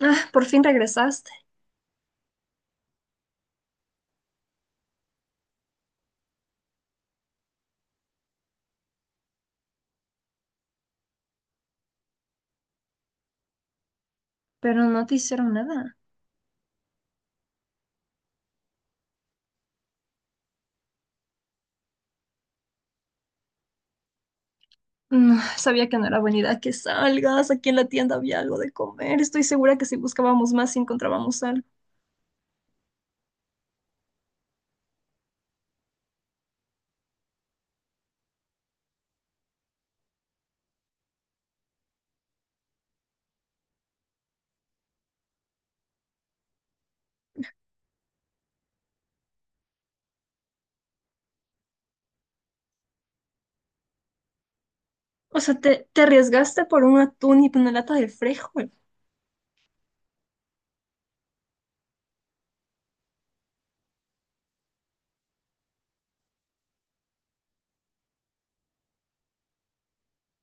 Ah, por fin regresaste, pero no te hicieron nada. No, sabía que no era buena idea que salgas. Aquí en la tienda había algo de comer. Estoy segura que si buscábamos más, sí encontrábamos algo. O sea, te arriesgaste por un atún y una lata de frijol.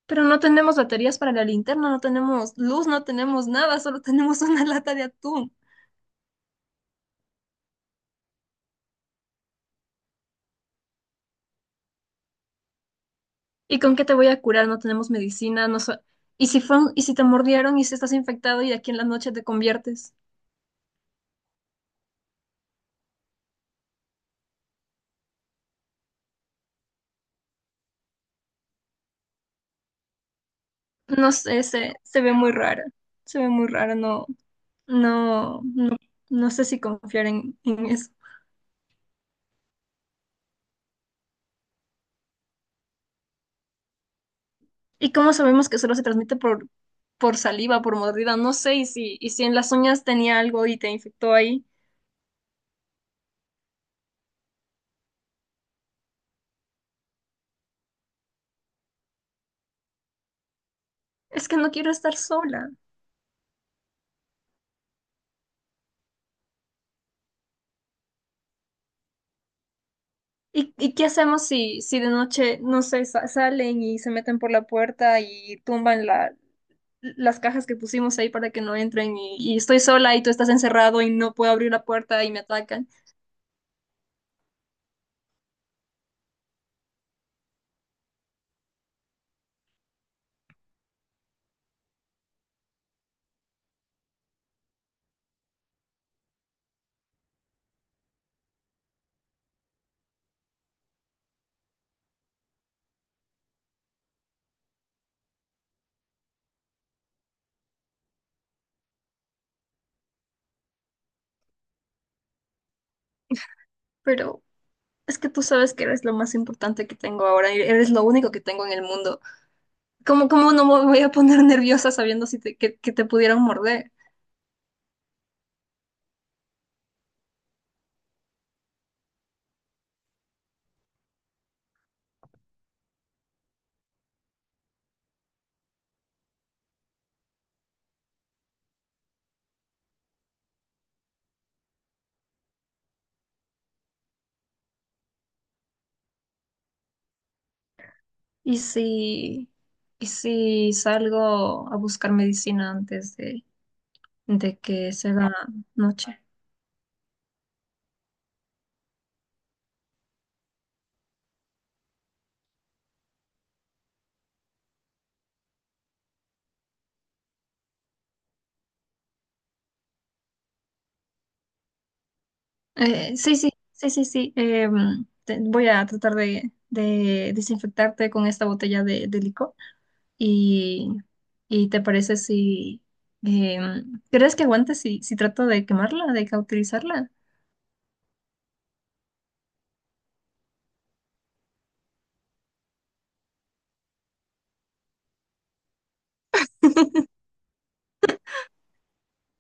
Pero no tenemos baterías para la linterna, no tenemos luz, no tenemos nada, solo tenemos una lata de atún. ¿Y con qué te voy a curar? No tenemos medicina, ¿Y si fue y si te mordieron y si estás infectado y de aquí en la noche te conviertes? No sé, se ve muy rara. Se ve muy rara, no. No, no sé si confiar en eso. ¿Y cómo sabemos que solo se transmite por saliva, por mordida? No sé, y si en las uñas tenía algo y te infectó ahí. Es que no quiero estar sola. Y qué hacemos si de noche, no sé, salen y se meten por la puerta y tumban las cajas que pusimos ahí para que no entren y estoy sola y tú estás encerrado y no puedo abrir la puerta y me atacan? Pero es que tú sabes que eres lo más importante que tengo ahora, eres lo único que tengo en el mundo. Cómo no me voy a poner nerviosa sabiendo si te- que te pudieran morder? ¿Y si, y si salgo a buscar medicina antes de que se haga noche? Sí, sí, sí, sí, sí. Voy a tratar de desinfectarte con esta botella de licor. Y, y te parece si... ¿crees que aguantes si, si trato de quemarla, de cauterizarla?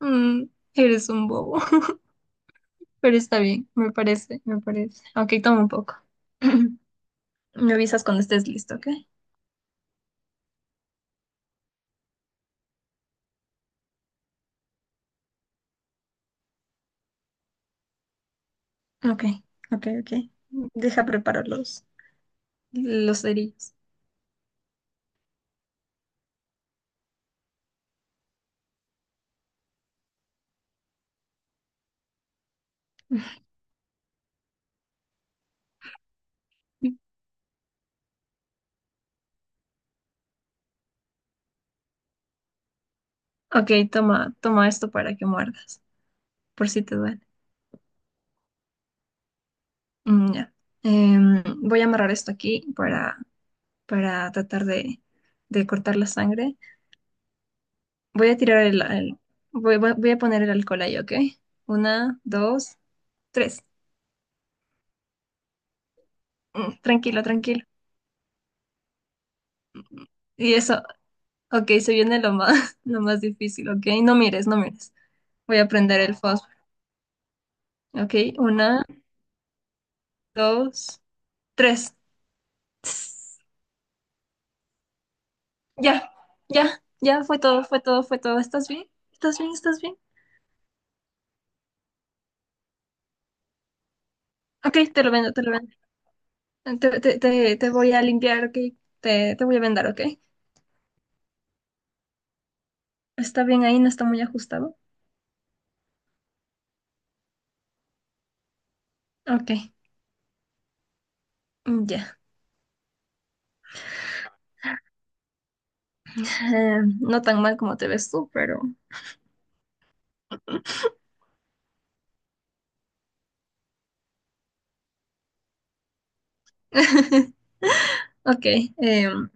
Mm, eres un bobo. Pero está bien, me parece, me parece. Ok, toma un poco. Me avisas cuando estés listo, ¿ok? Ok, ok, ok. Deja preparar los cerillos. Ok, toma, toma esto para que muerdas, por si te duele. Mm, ya. Em, voy a amarrar esto aquí para tratar de cortar la sangre. Voy a tirar voy a poner el alcohol ahí, ¿ok? Una, dos, tres. Mm, tranquilo, tranquilo. Y eso, ok, se viene lo más, lo más difícil, ok. No mires, no mires. Voy a prender el fósforo. Ok, una, dos, tres. Tss, ya, ya, ya, fue todo, fue todo, fue todo. ¿Estás bien? ¿Estás bien? ¿Estás bien? Ok, te lo vendo, te lo vendo. Te te voy a limpiar, ok. Te voy a vendar, ok. ¿Está bien ahí? ¿No está muy ajustado? Ok, ya. No tan mal como te ves tú, pero... Ok, em,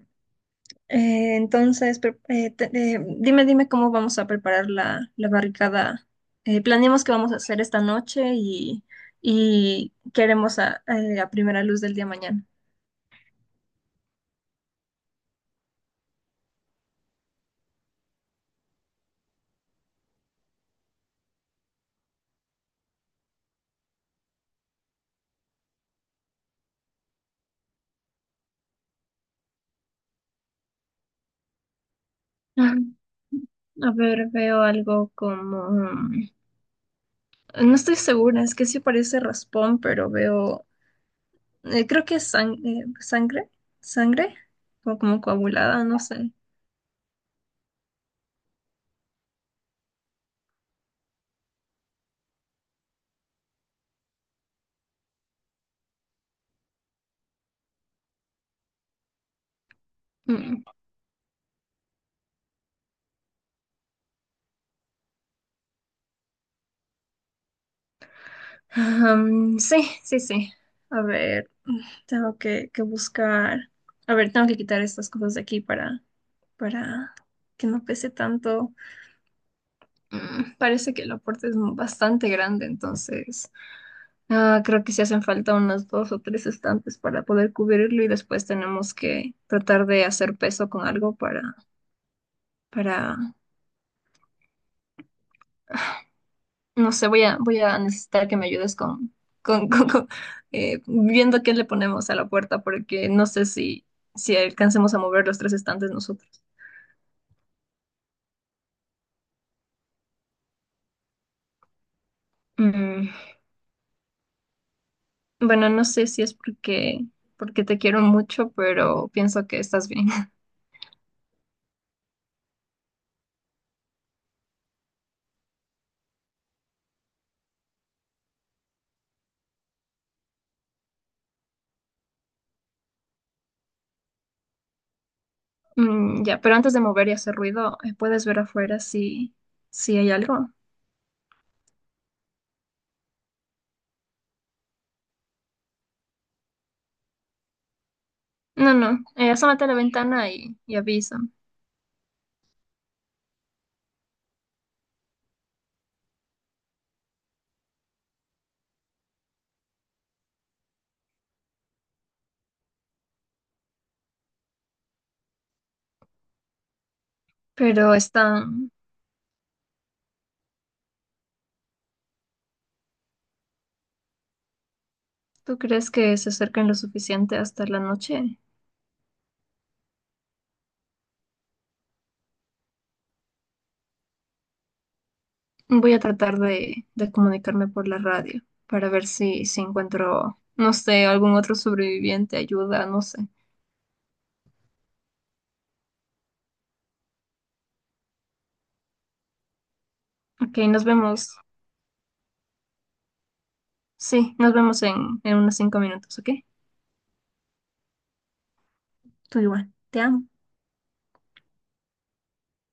Entonces, dime, dime cómo vamos a preparar la barricada. Planeamos qué vamos a hacer esta noche y queremos a primera luz del día mañana. Ah, a ver, veo algo como... mm, no estoy segura, es que sí parece raspón, pero veo... creo que es sangre, sangre, o como coagulada, no sé. Am, sí, sí, sí. A ver, tengo que buscar. A ver, tengo que quitar estas cosas de aquí para que no pese tanto. Mm, parece que el aporte es bastante grande, entonces ah, creo que sí hacen falta unos dos o tres estantes para poder cubrirlo y después tenemos que tratar de hacer peso con algo para no sé, voy a, voy a necesitar que me ayudes con, con, viendo qué le ponemos a la puerta, porque no sé si, si alcancemos a mover los tres estantes nosotros. Mm, bueno, no sé si es porque, porque te quiero mucho, pero pienso que estás bien. Mm, ya, pero antes de mover y hacer ruido, ¿puedes ver afuera si, si hay algo? No, no, asómate a la ventana y avisa. Pero están, ¿tú crees que se acerquen lo suficiente hasta la noche? Voy a tratar de comunicarme por la radio para ver si, si encuentro, no sé, algún otro sobreviviente, ayuda, no sé. Ok, nos vemos. Sí, nos vemos en unos 5 minutos, ¿ok? Tú igual, te amo.